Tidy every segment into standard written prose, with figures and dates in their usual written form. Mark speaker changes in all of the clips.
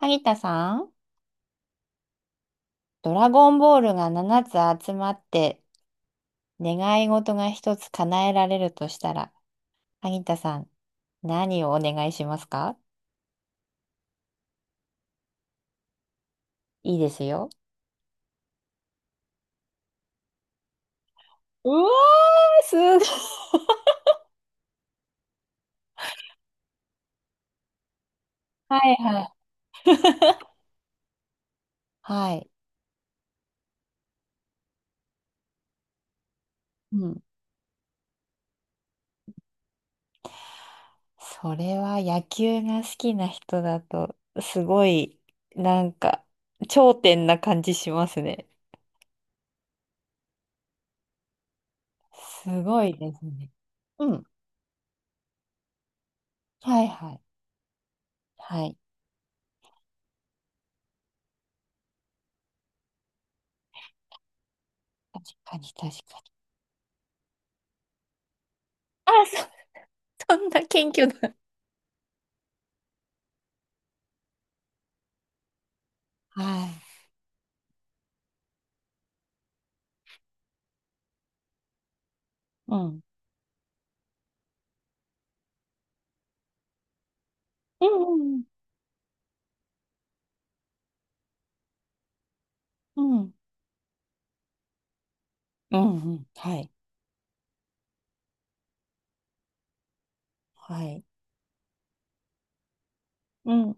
Speaker 1: 萩田さん、ドラゴンボールが7つ集まって願い事が1つ叶えられるとしたら、萩田さん、何をお願いしますか？いいですよ。うわー、すごい。はいはい。はい。うん。それは野球が好きな人だと、すごい、なんか、頂点な感じしますね。すごいですね。うん。はいはい。はい。確かに確かに。あ、そんな謙虚な。はい。うん。うんうんうん。うん。うんうん。はい。はい。うん、はいはい、うん、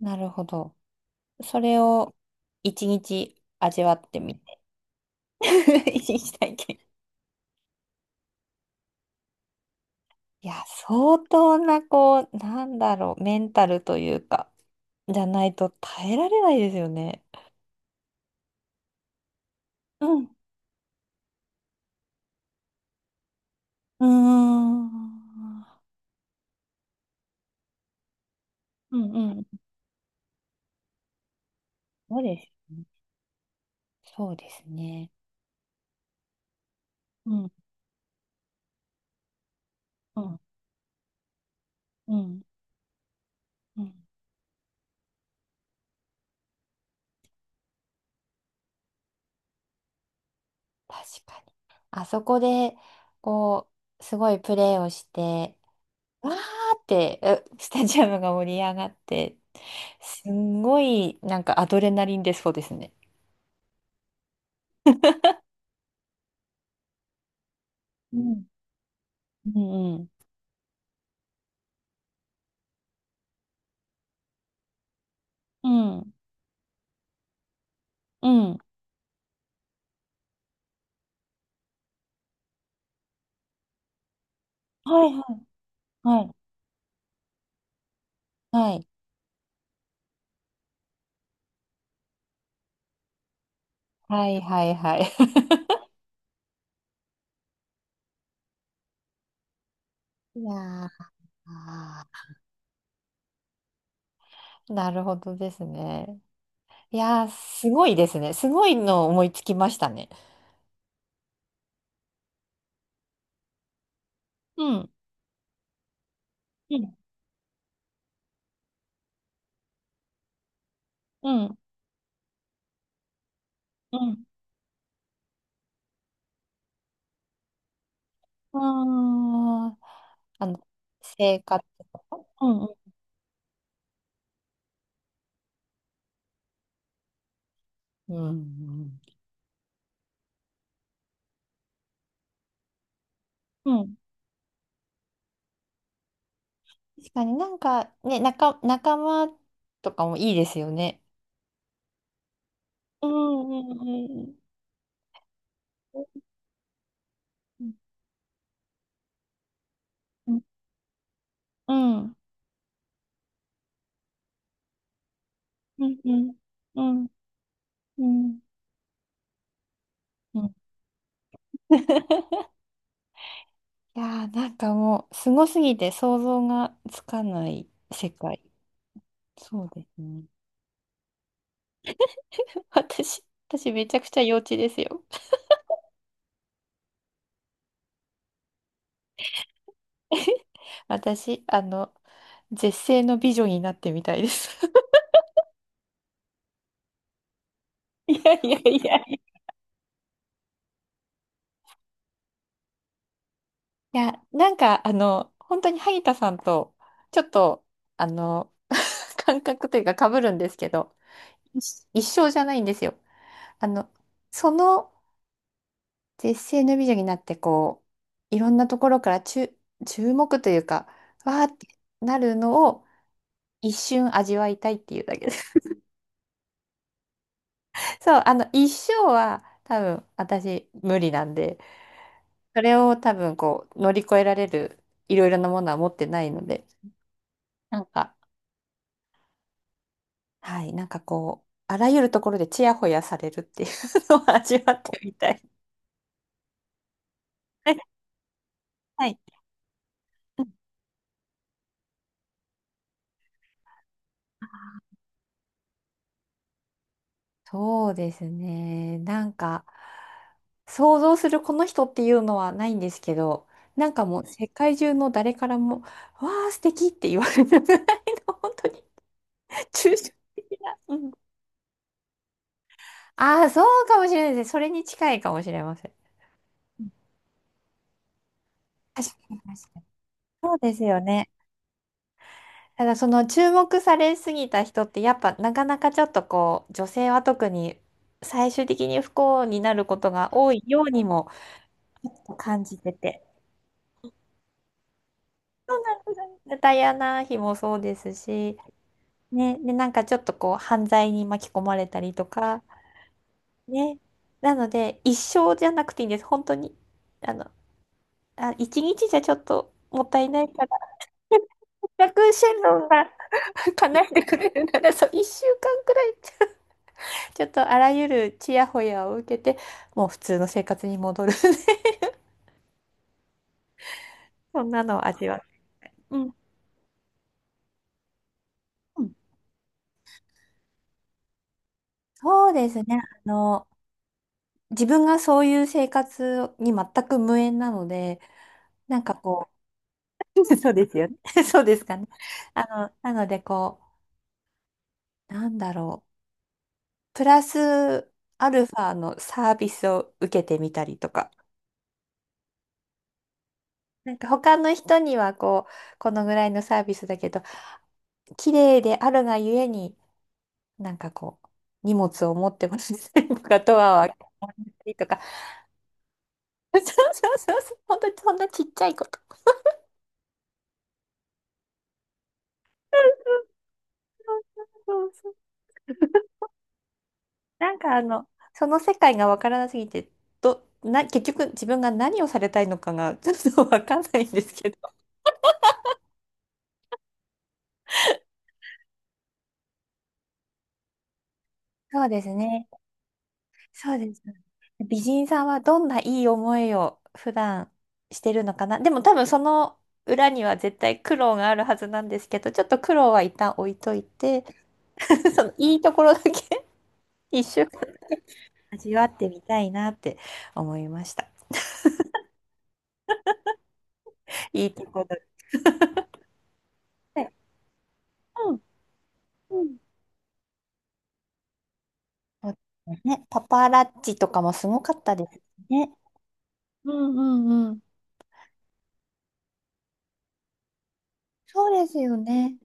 Speaker 1: なるほど。それを一日味わってみて。一日体験。いや、相当な、こう、なんだろう、メンタルというか、じゃないと耐えられないですよね。うん。うーん。うんうん。そうですね。そうですね。うん。うん。うん。うん、確かに。あそこで、こう、すごいプレーをして、わーって、え スタジアムが盛り上がって、すんごい、なんかアドレナリン出そうですね。うん。うん。うん。うん。うん、はいはい。はい。はい。はいはいはい。いやー、なるほどですね。いやー、すごいですね。すごいの思いつきましたね。うん。うん。うん。うん。あー、生活。うんうんうんうんうん、確かになんかね、仲間とかもいいですよね。うんうんうんうんうんうんうんうんうんうん いやー、なんかもうすごすぎて想像がつかない世界。そうですね。私、私めちゃくちゃ幼稚ですよ。私、絶世の美女になってみたいです。いやいやいやいやいや、なんか、本当に萩田さんと、ちょっと、あの、感覚というか被るんですけど、一緒じゃないんですよ。あの、その絶世の美女になって、こう、いろんなところから注目というか、わーってなるのを一瞬味わいたいっていうだけです。そう、一生は多分私無理なんで、それを多分こう、乗り越えられるいろいろなものは持ってないので、なんか、はい、なんかこう、あらゆるところでちやほやされるっていうのを 味わってみたい。はい。うん、そうですね。なんか、想像するこの人っていうのはないんですけど、なんかもう世界中の誰からも、わあ、素敵って言われるぐらいの、本当に抽象的な。うん、ああ、そうかもしれないです。それに近いかもしれません。うん、確かに、確かに。そうですよね。ただその注目されすぎた人ってやっぱなかなかちょっとこう女性は特に最終的に不幸になることが多いようにもちょっと感じてて。そうなんですね、ダイアナ妃もそうですし、ね、で、なんかちょっとこう犯罪に巻き込まれたりとか、ね。なので一生じゃなくていいんです。本当に。あの、あ、一日じゃちょっともったいないから、せっかくシェンロンが叶えてくれるなら、そう、一週間くらい。ちょっとあらゆるちやほやを受けて、もう普通の生活に戻るね そんなのを味わう。うん。うん、そうですね。あの、自分がそういう生活に全く無縁なので、なんかこう、そうですよね。そうですかね。なのでこう、なんだろう。プラスアルファのサービスを受けてみたりとか。なんか他の人にはこう、このぐらいのサービスだけど、綺麗であるがゆえになんかこう、荷物を持ってもらったりとか、ドアを開けてもらったりとか、そうそうそうそう、本当にそんなちっちゃいこと。そうそう。なんかその世界がわからなすぎて、結局自分が何をされたいのかがちょっとわかんないんですけど。そうですね。そうです。美人さんはどんないい思いを普段してるのかな。でも多分その裏には絶対苦労があるはずなんですけど、ちょっと苦労は一旦置いといて、そのいいところだけ一瞬味わってみたいなって思いました。いいところで。そうですね、パパラッチとかもすごかったですね。そうですよね。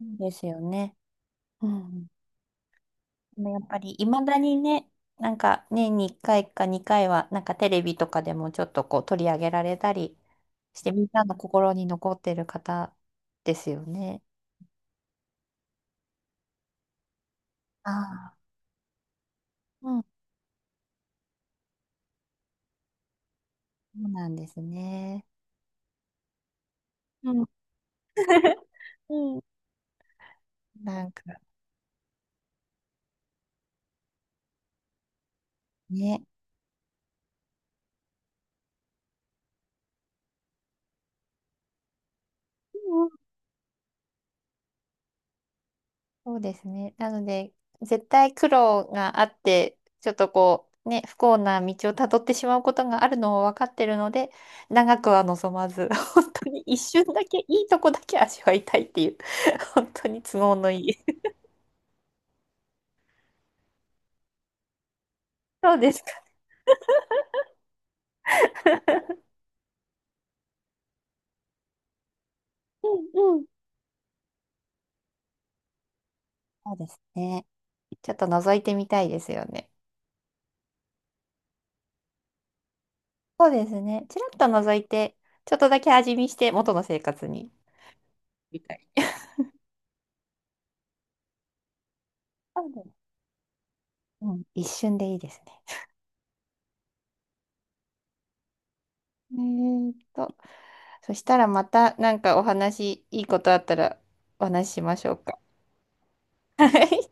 Speaker 1: そうですよね。うん。でもやっぱりいまだにね、なんか年に1回か2回は、なんかテレビとかでもちょっとこう取り上げられたりして、みんなの心に残ってる方ですよね。ああ。うん、そうなんですね。うん。うん、なんかね。うん、そうですね。なので、絶対苦労があって、ちょっとこう、ね、不幸な道をたどってしまうことがあるのを分かってるので、長くは望まず、本当に一瞬だけ、いいとこだけ味わいたいっていう、本当に都合のいい。そうですか。うんうん。そうですね。ちょっと覗いてみたいですよね。そうですね。ちらっと覗いて、ちょっとだけ味見して、元の生活に。みたい。そうです。うん、一瞬でいいですね。えーっと。そしたらまたなんかお話、いいことあったらお話ししましょうか。はい。